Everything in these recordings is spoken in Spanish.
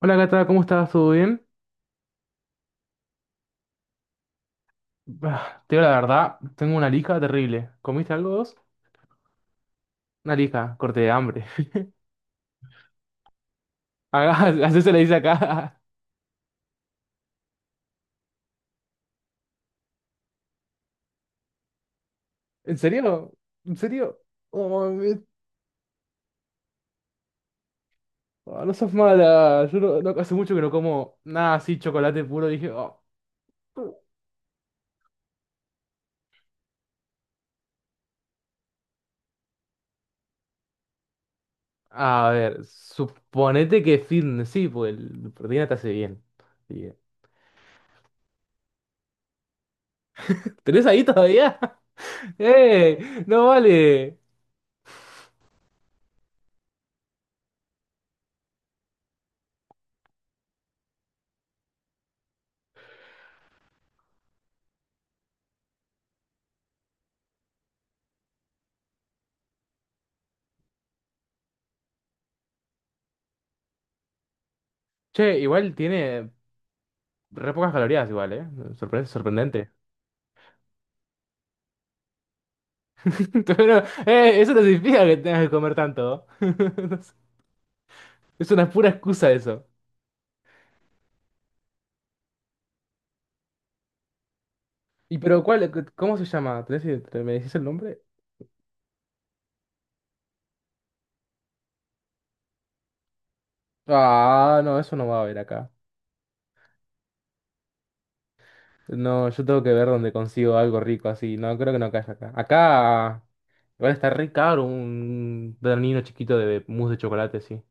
Hola Cata, ¿cómo estás? ¿Todo bien? Bah, te digo la verdad, tengo una lija terrible. ¿Comiste algo vos? Una lija, corte de hambre. Acá, así se le dice acá. ¿En serio? ¿En serio? Oh, me- oh, no sos mala. Yo no- no- Hace mucho que no como nada así, chocolate puro. Dije, oh. A ver, suponete que fitness, sí, pues el proteína te hace bien. Sí. ¿Tenés ahí todavía? ¡Eh! ¡No vale! Che, igual tiene re pocas calorías, igual, ¿eh? Sorprendente. Pero, eso no significa que tengas que comer tanto. No sé. Es una pura excusa eso. ¿Y pero cuál? ¿Cómo se llama? ¿Me decís el nombre? Ah, no, eso no va a haber acá. No, yo tengo que ver dónde consigo algo rico así. No, creo que no caiga acá. Acá, igual está re caro un danino chiquito de mousse de chocolate, sí.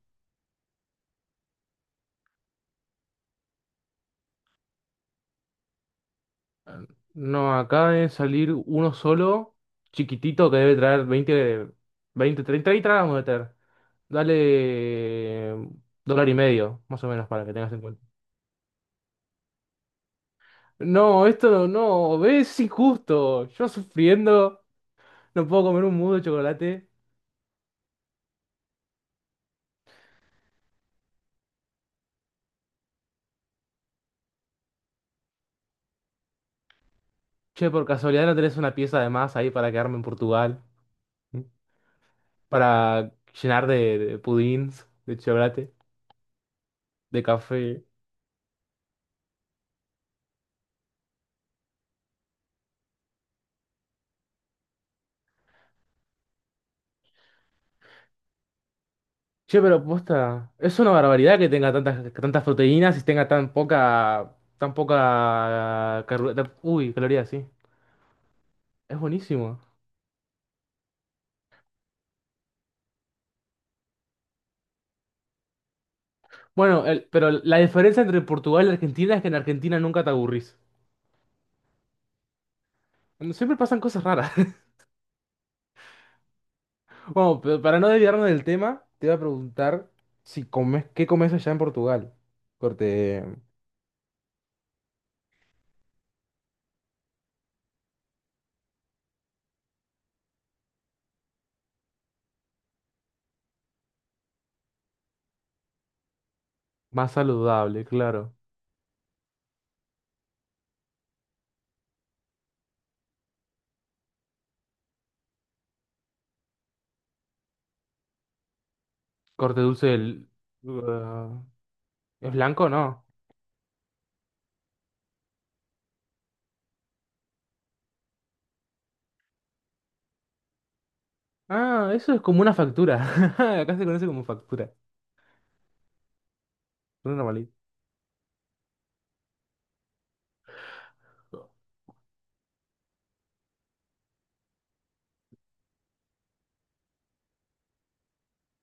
No, acá de salir uno solo, chiquitito, que debe traer 20 20 30 y gramos de ter. Dale dólar y medio, más o menos, para que tengas en cuenta. No, esto no, no, ves, es injusto. Yo sufriendo, no puedo comer un mudo de chocolate. Che, por casualidad no tenés una pieza de más ahí para quedarme en Portugal, para llenar de pudins, de chocolate, de café. Che, pero posta, es una barbaridad que tenga tantas, que tantas proteínas y tenga tan poca, uy, calorías, sí. Es buenísimo. Bueno, pero la diferencia entre Portugal y Argentina es que en Argentina nunca te aburrís. Bueno, siempre pasan cosas raras. Bueno, pero para no desviarnos del tema, te voy a preguntar si comes, ¿qué comes allá en Portugal? Corte más saludable, claro. Corte dulce del- uh, ¿es blanco o no? Ah, eso es como una factura. Acá se conoce como factura. Una normalita.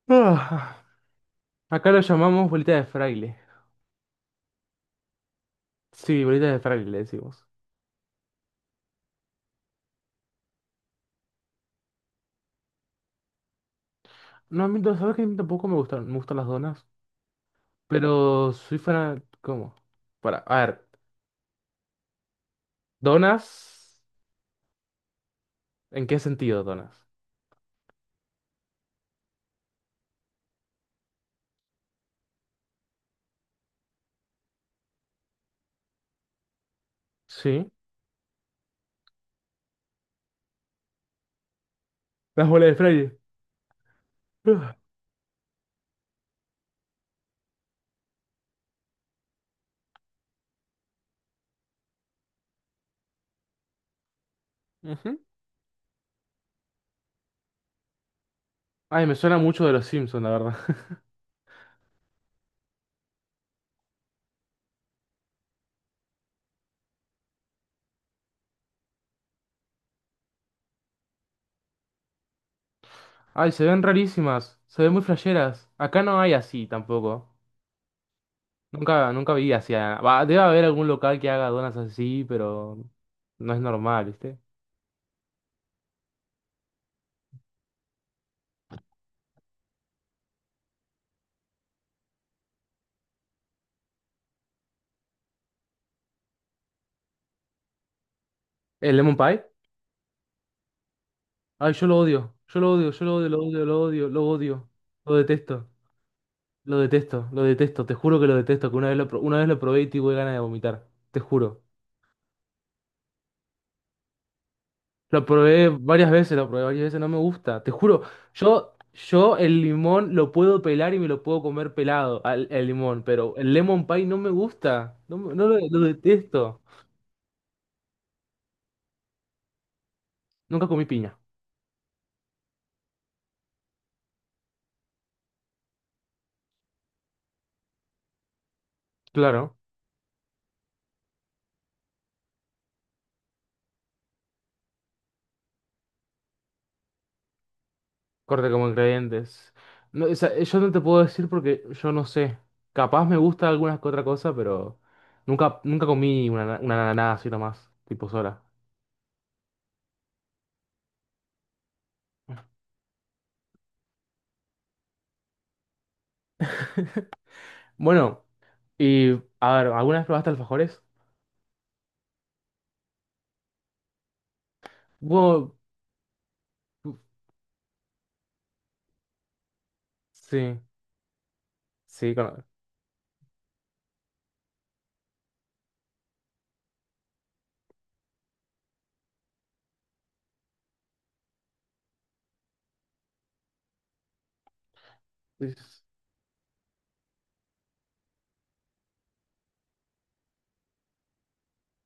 Ah, acá lo llamamos bolita de fraile. Sí, bolita de fraile le decimos. No, a mí, ¿sabes que a mí tampoco me gustan, me gustan las donas? Pero soy fan... ¿Cómo? Para, a ver. ¿Donas? ¿En qué sentido donas? Sí. Las bolas de fraile. Ah. Ujú. Ay, me suena mucho de los Simpsons, la verdad. Ay, se ven rarísimas. Se ven muy flasheras. Acá no hay así tampoco. Nunca, nunca vi así. Va, debe haber algún local que haga donas así, pero no es normal. ¿El lemon pie? Ay, yo lo odio. Yo lo odio, yo lo odio, lo odio, lo odio, lo odio. Lo detesto. Lo detesto, lo detesto. Te juro que lo detesto. Que una vez una vez lo probé y tuve ganas de vomitar. Te juro. Lo probé varias veces, lo probé varias veces. No me gusta. Te juro. Yo el limón lo puedo pelar y me lo puedo comer pelado, al, el limón. Pero el lemon pie no me gusta. No, no lo detesto. Nunca comí piña. Claro. Corte como ingredientes. No, o sea, yo no te puedo decir porque yo no sé. Capaz me gusta alguna que otra cosa, pero nunca, nunca comí una nada así nomás, tipo sola. Bueno, y a ver, ¿alguna vez probaste alfajores? Bueno, sí, sí, con-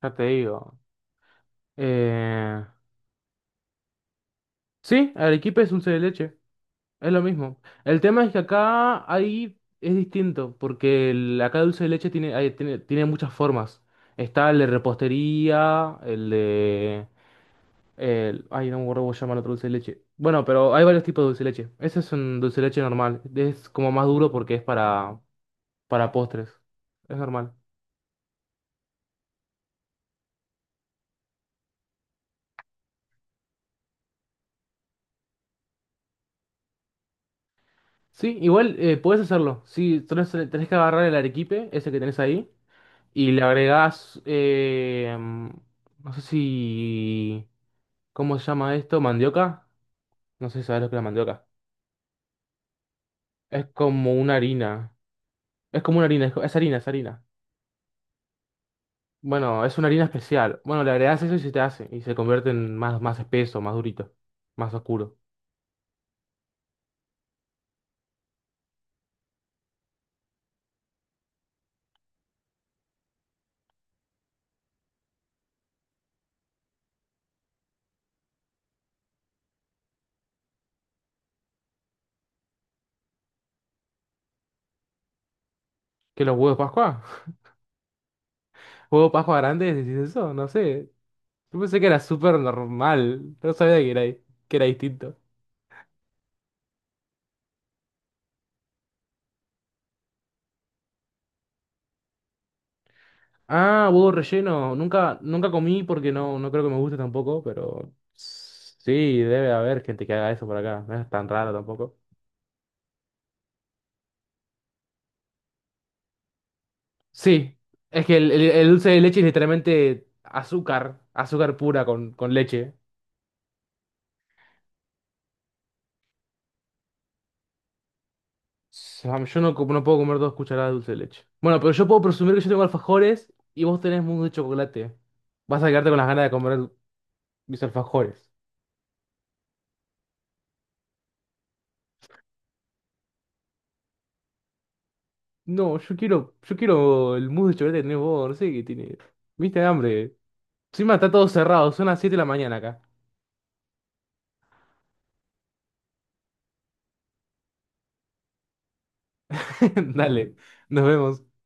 ya te digo. Eh, sí, arequipe es dulce de leche. Es lo mismo. El tema es que acá ahí es distinto, porque acá dulce de leche tiene, tiene muchas formas. Está el de repostería, el de... El, ay, no me acuerdo cómo se llama el otro dulce de leche. Bueno, pero hay varios tipos de dulce de leche. Ese es un dulce de leche normal. Es como más duro porque es para postres. Es normal. Sí, igual puedes hacerlo. Sí, tenés que agarrar el arequipe, ese que tenés ahí, y le agregás... no sé si... ¿Cómo se llama esto? ¿Mandioca? No sé si sabes lo que es la mandioca. Es como una harina. Es como una harina, es harina, es harina. Bueno, es una harina especial. Bueno, le agregas eso y se te hace. Y se convierte en más, más espeso, más durito, más oscuro. ¿Qué los huevos de Pascua? ¿Huevos de Pascua grandes? ¿Decís eso? No sé. Yo pensé que era súper normal. No sabía que era distinto. Ah, huevo relleno. Nunca, nunca comí porque no, no creo que me guste tampoco, pero sí, debe haber gente que haga eso por acá. No es tan raro tampoco. Sí, es que el dulce de leche es literalmente azúcar, azúcar pura con leche. Yo no, no puedo comer 2 cucharadas de dulce de leche. Bueno, pero yo puedo presumir que yo tengo alfajores y vos tenés mousse de chocolate. Vas a quedarte con las ganas de comer mis alfajores. No, yo quiero el mousse de chocolate que tenés vos, no sé qué tiene. ¿Viste hambre? Encima está todo cerrado, son las 7 de la mañana acá. Dale, nos vemos.